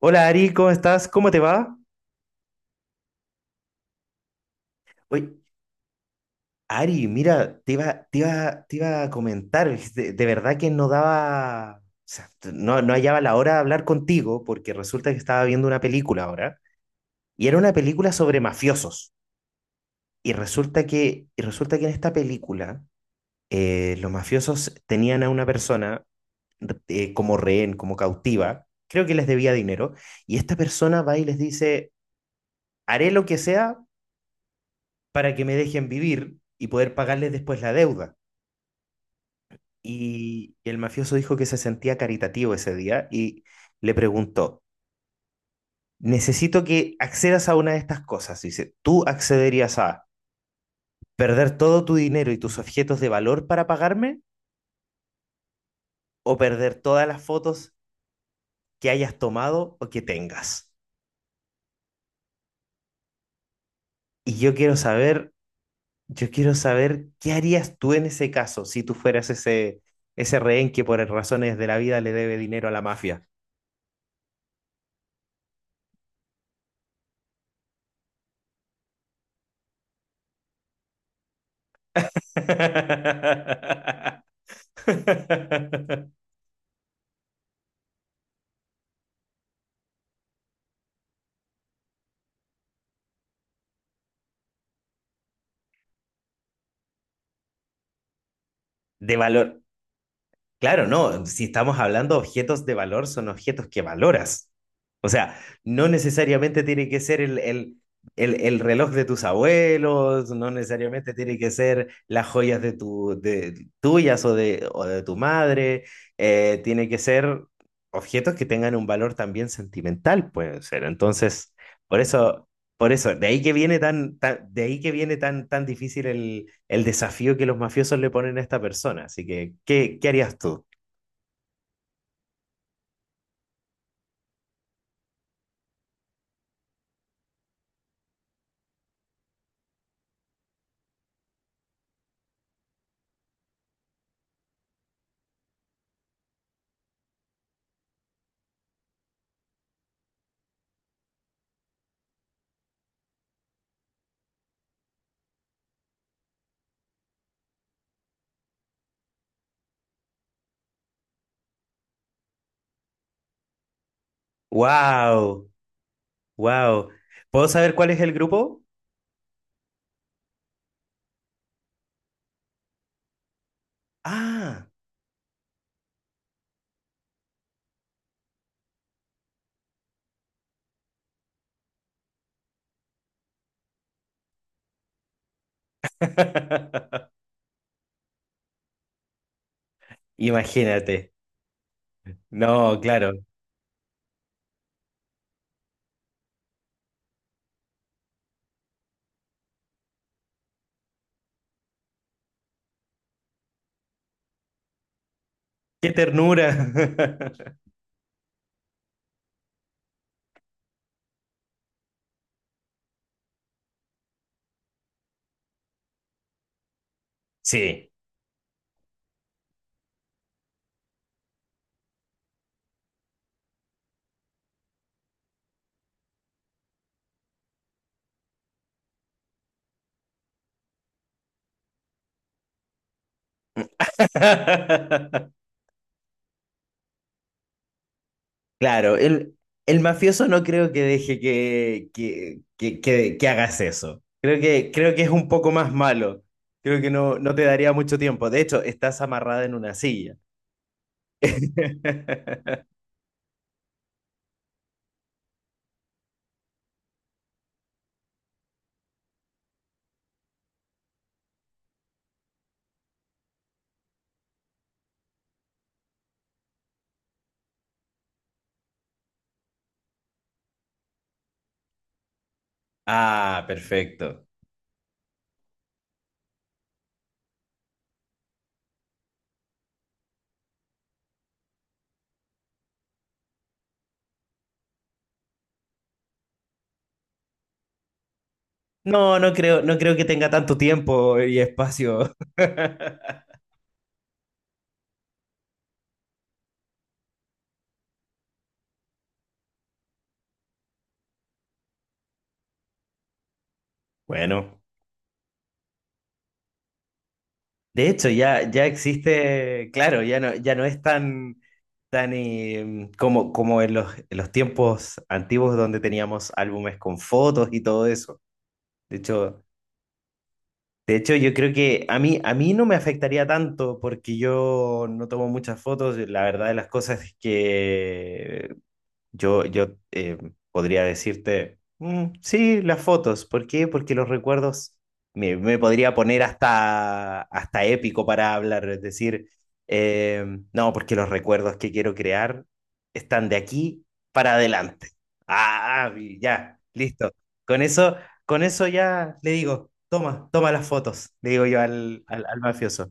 Hola Ari, ¿cómo estás? ¿Cómo te va? Oye, Ari, mira, te iba a comentar, es de verdad que no daba, o sea, no hallaba la hora de hablar contigo porque resulta que estaba viendo una película ahora y era una película sobre mafiosos y resulta que en esta película los mafiosos tenían a una persona como rehén, como cautiva, creo que les debía dinero y esta persona va y les dice, haré lo que sea para que me dejen vivir y poder pagarles después la deuda. Y el mafioso dijo que se sentía caritativo ese día y le preguntó, necesito que accedas a una de estas cosas. Dice, ¿tú accederías a perder todo tu dinero y tus objetos de valor para pagarme o perder todas las fotos que hayas tomado o que tengas? Y yo quiero saber, yo quiero saber qué harías tú en ese caso si tú fueras ese rehén que por razones de la vida le debe dinero a la mafia. De valor. Claro, no, si estamos hablando de objetos de valor, son objetos que valoras. O sea, no necesariamente tiene que ser el reloj de tus abuelos, no necesariamente tiene que ser las joyas de tuyas o de tu madre, tiene que ser objetos que tengan un valor también sentimental, pueden ser. Entonces, por eso. Por eso, de ahí que viene de ahí que viene tan, tan difícil el desafío que los mafiosos le ponen a esta persona. Así que, ¿qué, qué harías tú? ¡Wow! ¡Wow! ¿Puedo saber cuál es el grupo? ¡Ah! Imagínate. No, claro. ¡Qué ternura! Sí. Claro, el mafioso no creo que deje que hagas eso. Creo que es un poco más malo. Creo que no, no te daría mucho tiempo. De hecho, estás amarrada en una silla. Ah, perfecto. No, no creo, no creo que tenga tanto tiempo y espacio. Bueno. De hecho, ya, ya existe, claro, ya no, ya no es tan, tan como, como en en los tiempos antiguos donde teníamos álbumes con fotos y todo eso. De hecho, de hecho, yo creo que a mí no me afectaría tanto porque yo no tomo muchas fotos. La verdad de las cosas es que yo podría decirte, "Mm, sí, las fotos. ¿Por qué? Porque los recuerdos me podría poner hasta, hasta épico para hablar. Es decir, eh, no, porque los recuerdos que quiero crear están de aquí para adelante. Ah, y ya, listo. Con eso, con eso ya le digo, toma, toma las fotos, le digo yo al mafioso.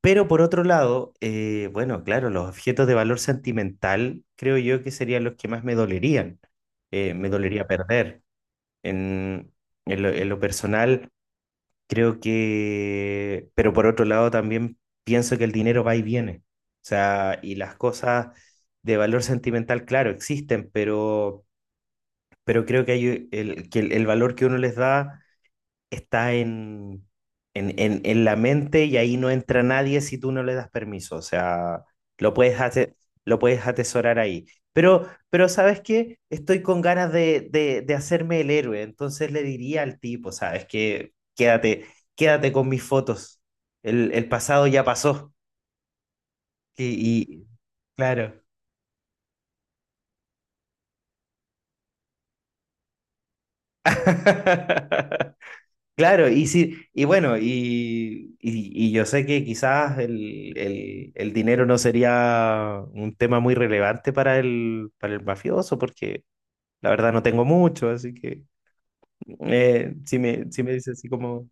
Pero por otro lado, bueno, claro, los objetos de valor sentimental creo yo que serían los que más me dolerían, me dolería perder. En, en en lo personal, creo que, pero por otro lado también pienso que el dinero va y viene. O sea, y las cosas de valor sentimental, claro, existen, pero creo que hay que el valor que uno les da está en la mente y ahí no entra nadie si tú no le das permiso. O sea, lo puedes ate- lo puedes atesorar ahí. Pero ¿sabes qué? Estoy con ganas de hacerme el héroe. Entonces le diría al tipo, ¿sabes qué? Quédate, quédate con mis fotos. El pasado ya pasó. Y, y- claro. Claro, y sí, y bueno, y yo sé que quizás el dinero no sería un tema muy relevante para para el mafioso, porque la verdad no tengo mucho, así que si me dices así como,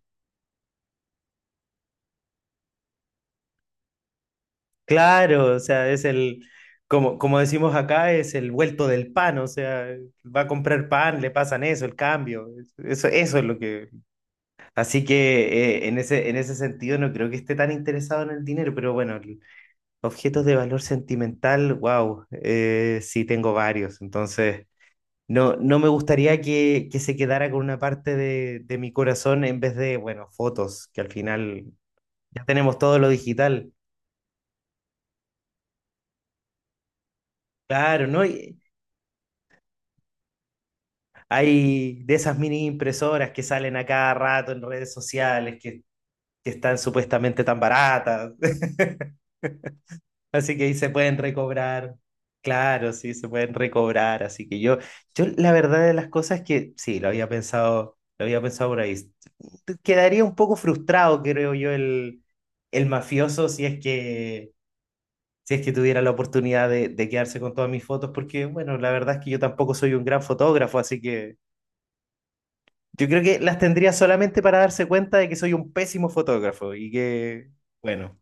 claro, o sea, es el, como, como decimos acá, es el vuelto del pan, o sea, va a comprar pan, le pasan eso, el cambio, eso es lo que... Así que en ese sentido no creo que esté tan interesado en el dinero, pero bueno, objetos de valor sentimental, wow, sí tengo varios, entonces no, no me gustaría que se quedara con una parte de mi corazón en vez de, bueno, fotos, que al final ya tenemos todo lo digital. Claro, ¿no? Y hay de esas mini impresoras que salen a cada rato en redes sociales, que están supuestamente tan baratas. Así que ahí se pueden recobrar. Claro, sí, se pueden recobrar. Así que yo la verdad de las cosas es que sí, lo había pensado por ahí. Quedaría un poco frustrado, creo yo, el mafioso si es que tuviera la oportunidad de quedarse con todas mis fotos, porque bueno, la verdad es que yo tampoco soy un gran fotógrafo, así que yo creo que las tendría solamente para darse cuenta de que soy un pésimo fotógrafo y que, bueno.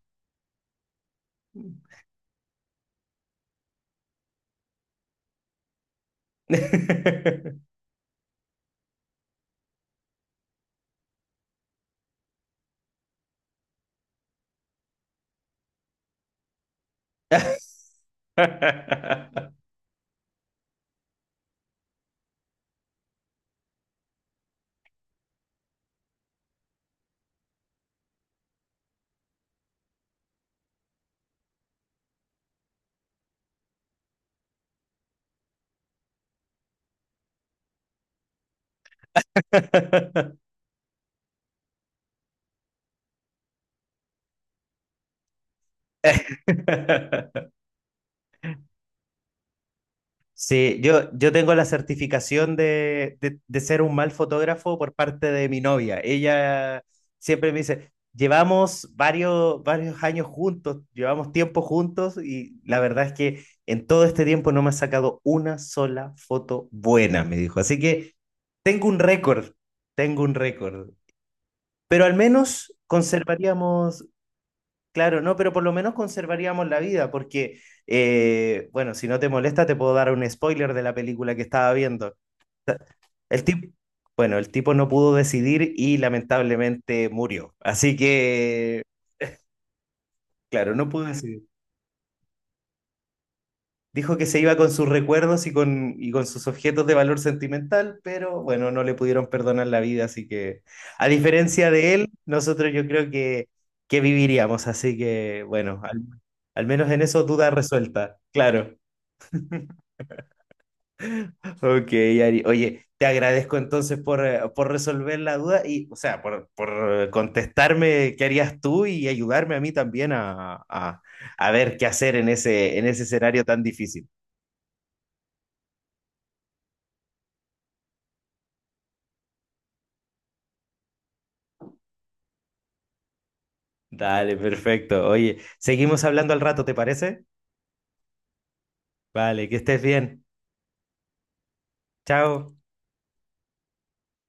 Sí, yo tengo la certificación de, de ser un mal fotógrafo por parte de mi novia. Ella siempre me dice, llevamos varios, varios años juntos, llevamos tiempo juntos y la verdad es que en todo este tiempo no me ha sacado una sola foto buena, me dijo. Así que tengo un récord, tengo un récord. Pero al menos conservaríamos, claro, no, pero por lo menos conservaríamos la vida, porque, bueno, si no te molesta, te puedo dar un spoiler de la película que estaba viendo. El tipo, bueno, el tipo no pudo decidir y lamentablemente murió. Así que, claro, no pudo decidir. Dijo que se iba con sus recuerdos y con sus objetos de valor sentimental, pero bueno, no le pudieron perdonar la vida, así que, a diferencia de él, nosotros yo creo que viviríamos, así que, bueno, al menos en eso duda resuelta, claro. Ok, Ari. Oye, te agradezco entonces por resolver la duda y, o sea, por contestarme qué harías tú y ayudarme a mí también a, a ver qué hacer en ese escenario tan difícil. Dale, perfecto. Oye, seguimos hablando al rato, ¿te parece? Vale, que estés bien. Chao.